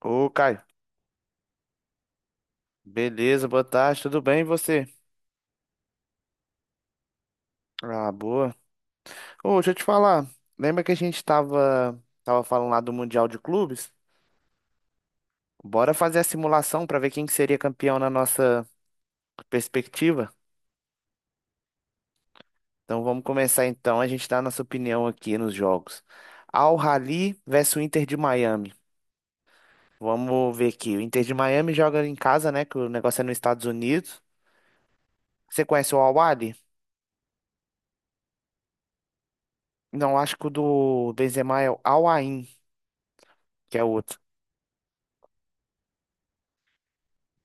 Ô, Caio. Beleza, boa tarde, tudo bem e você? Ah, boa. Ô, deixa eu te falar. Lembra que a gente tava falando lá do Mundial de Clubes? Bora fazer a simulação pra ver quem que seria campeão na nossa perspectiva? Então vamos começar então, a gente dá a nossa opinião aqui nos jogos. Al Ahly versus o Inter de Miami. Vamos ver aqui. O Inter de Miami joga em casa, né? Que o negócio é nos Estados Unidos. Você conhece o Al Ahly? Não, acho que o do Benzema é o Al Ain, que é outro.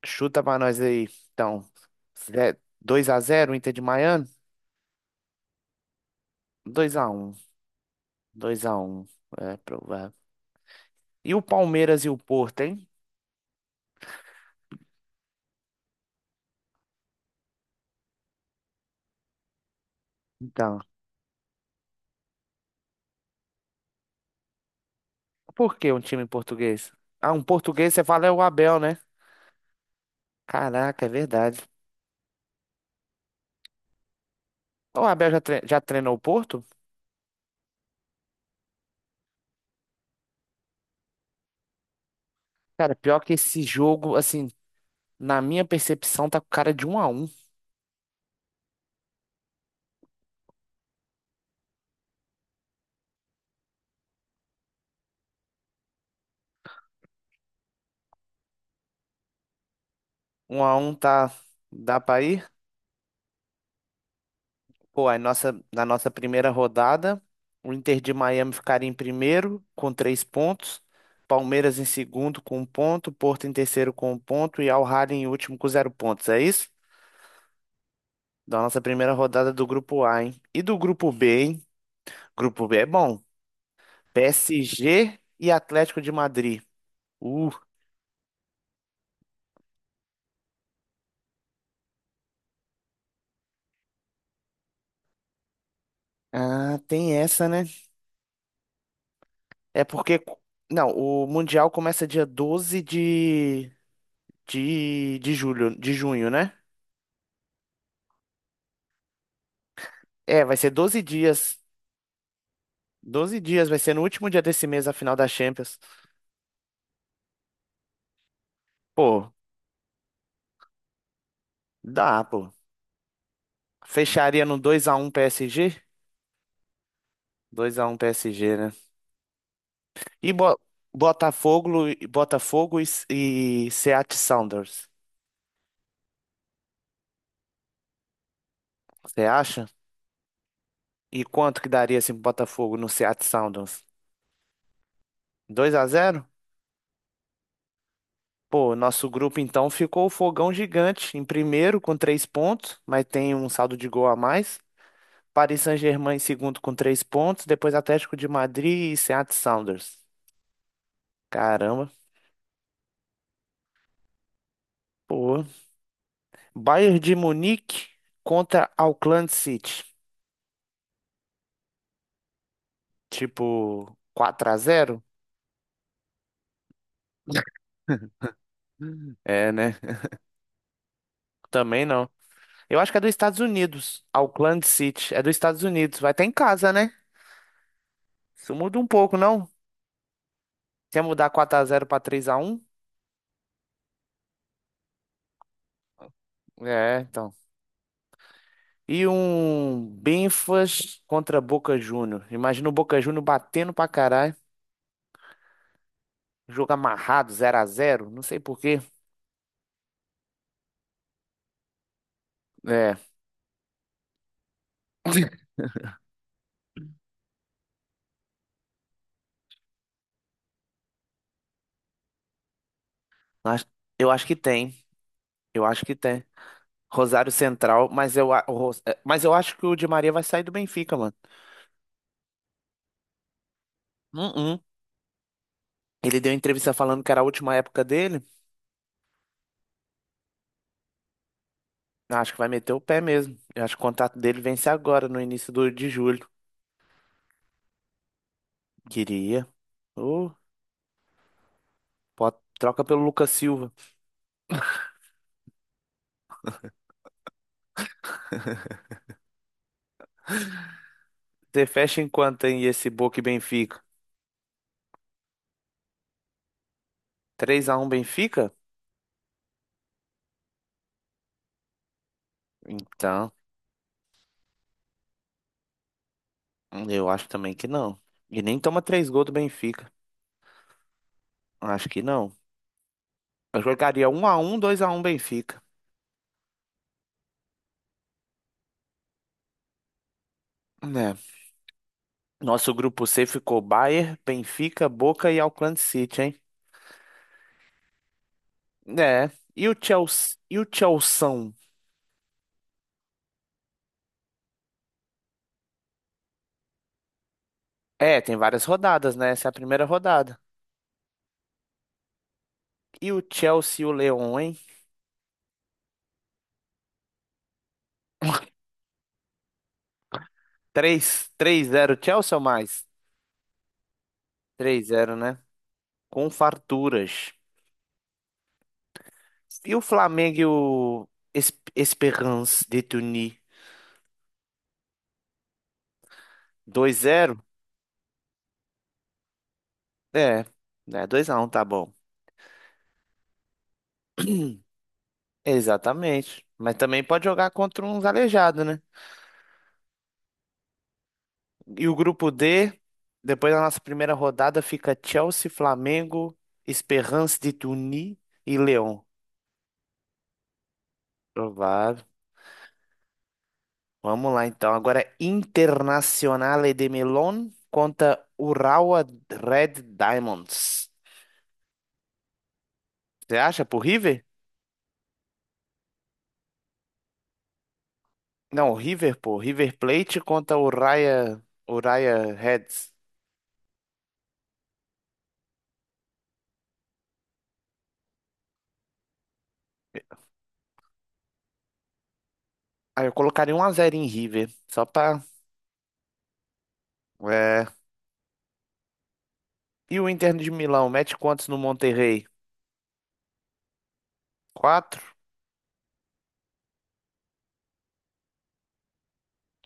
Chuta pra nós aí. Então, 2 a 0 Inter de Miami? 2 a 1. 2 a 1. É provável. E o Palmeiras e o Porto, hein? Então, por que um time português? Ah, um português, você fala é o Abel, né? Caraca, é verdade. O Abel já treinou o Porto? Cara, pior que esse jogo, assim, na minha percepção, tá com cara de 1 a 1. 1 a 1 tá. Dá pra ir? Pô, aí nossa, na nossa primeira rodada, o Inter de Miami ficaria em primeiro com 3 pontos, Palmeiras em segundo com 1 ponto, Porto em terceiro com 1 ponto e Al Ahly em último com 0 pontos. É isso? Da nossa primeira rodada do grupo A, hein? E do grupo B, hein? Grupo B é bom. PSG e Atlético de Madrid. Uh, ah, tem essa, né? É porque. Não, o Mundial começa dia 12 de julho, de junho, né? É, vai ser 12 dias. 12 dias, vai ser no último dia desse mês a final da Champions. Pô, dá, pô. Fecharia no 2x1 PSG? 2x1 PSG, né? E Botafogo, Botafogo e Seattle Sounders. Você acha? E quanto que daria esse Botafogo no Seattle Sounders? 2 a 0. Pô, nosso grupo então ficou o Fogão Gigante em primeiro com 3 pontos, mas tem um saldo de gol a mais. Paris Saint-Germain em segundo com 3 pontos, depois Atlético de Madrid e Seattle Sounders. Caramba. Pô, Bayern de Munique contra Auckland City. Tipo, 4 a 0. É, né? Também não. Eu acho que é dos Estados Unidos. Auckland City. É dos Estados Unidos. Vai estar em casa, né? Isso muda um pouco, não? Se ia mudar 4 a 0 pra 3 a 1? É, então. E um Benfas contra Boca Júnior. Imagina o Boca Júnior batendo pra caralho. Jogo amarrado, 0 a 0. Não sei por quê. É. Acho- Eu acho que tem. Eu acho que tem. Rosário Central, mas eu acho que o Di Maria vai sair do Benfica, mano. Hum, hum. Ele deu entrevista falando que era a última época dele. Eu acho que vai meter o pé mesmo. Eu acho que o contrato dele vence agora, no início do, de julho. Queria. Ô, troca pelo Lucas Silva. Você fecha em quanto, hein, esse Boca e Benfica? 3 a 1 Benfica? Então, eu acho também que não. E nem toma 3 gols do Benfica. Acho que não. Eu jogaria 1 a 1, 2 a 1 Benfica. Né? Nosso grupo C ficou Bayern, Benfica, Boca e Auckland City, hein? É. E o Chelsea, e o Chelsea? É, tem várias rodadas, né? Essa é a primeira rodada. E o Chelsea e o Leão, hein? Três zero, Chelsea ou mais? Três zero, né? Com farturas. E o Flamengo e o Esperance de Tunis? Dois zero? É, né? 2 a 1, tá bom. Exatamente. Mas também pode jogar contra uns aleijados, né? E o grupo D, depois da nossa primeira rodada, fica Chelsea, Flamengo, Esperance de Tunis e Lyon. Provável. Vamos lá então. Agora Internazionale de Melon contra Urawa Red Diamonds. Você acha pro River? Não, River, pô. River Plate contra Urawa Reds. Ah, eu colocaria 1 a 0 em River, só pra. É. E o Inter de Milão, mete quantos no Monterrey? Quatro?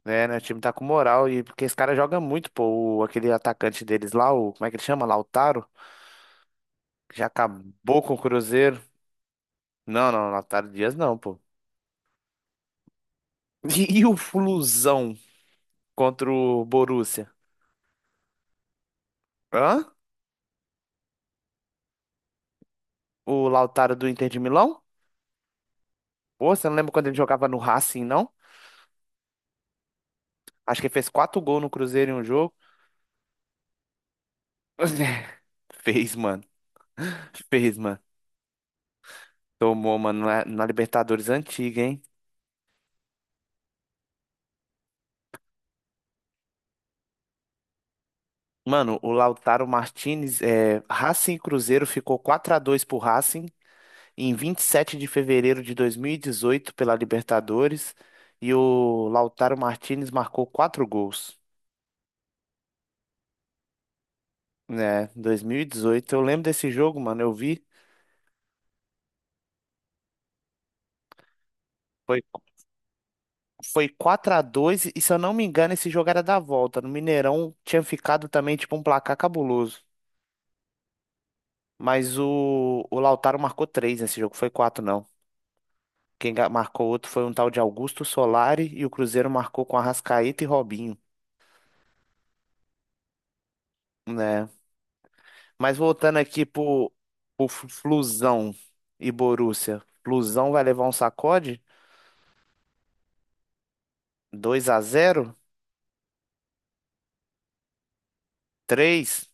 É, né? O time tá com moral e porque esse cara joga muito, pô. Aquele atacante deles lá, o, como é que ele chama? Lautaro, que já acabou com o Cruzeiro. Não, não, Lautaro Dias não, pô. E o Flusão contra o Borussia? Hã? O Lautaro do Inter de Milão? Pô, você não lembra quando ele jogava no Racing, não? Acho que ele fez 4 gols no Cruzeiro em um jogo. Fez, mano. Fez, mano. Tomou, mano, na Libertadores antiga, hein? Mano, o Lautaro Martinez, é, Racing e Cruzeiro ficou 4 a 2 pro Racing em 27 de fevereiro de 2018 pela Libertadores e o Lautaro Martinez marcou 4 gols, né? 2018. Eu lembro desse jogo, mano, eu vi. Foi, foi 4 a 2 e se eu não me engano esse jogo era da volta. No Mineirão tinha ficado também tipo um placar cabuloso. Mas o Lautaro marcou 3 nesse jogo, foi 4 não. Quem marcou outro foi um tal de Augusto Solari e o Cruzeiro marcou com Arrascaeta e Robinho, né? Mas voltando aqui pro Flusão e Borussia. Flusão vai levar um sacode? 2 a zero, três,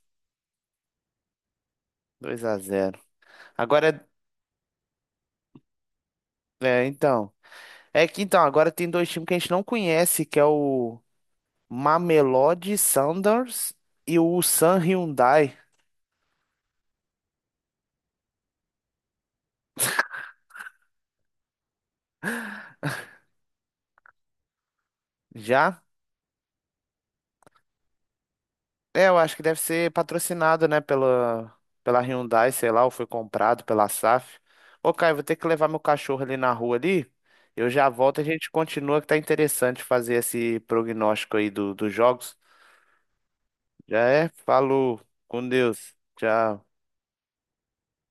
dois a zero. Agora é, é, então, é que então agora tem dois times que a gente não conhece, que é o Mamelodi Sundowns e o Ulsan Hyundai. Já? É, eu acho que deve ser patrocinado, né, pela Hyundai, sei lá, ou foi comprado pela SAF. Ô, Caio, vou ter que levar meu cachorro ali na rua ali. Eu já volto e a gente continua, que tá interessante fazer esse prognóstico aí dos jogos. Já é? Falou, com Deus. Tchau.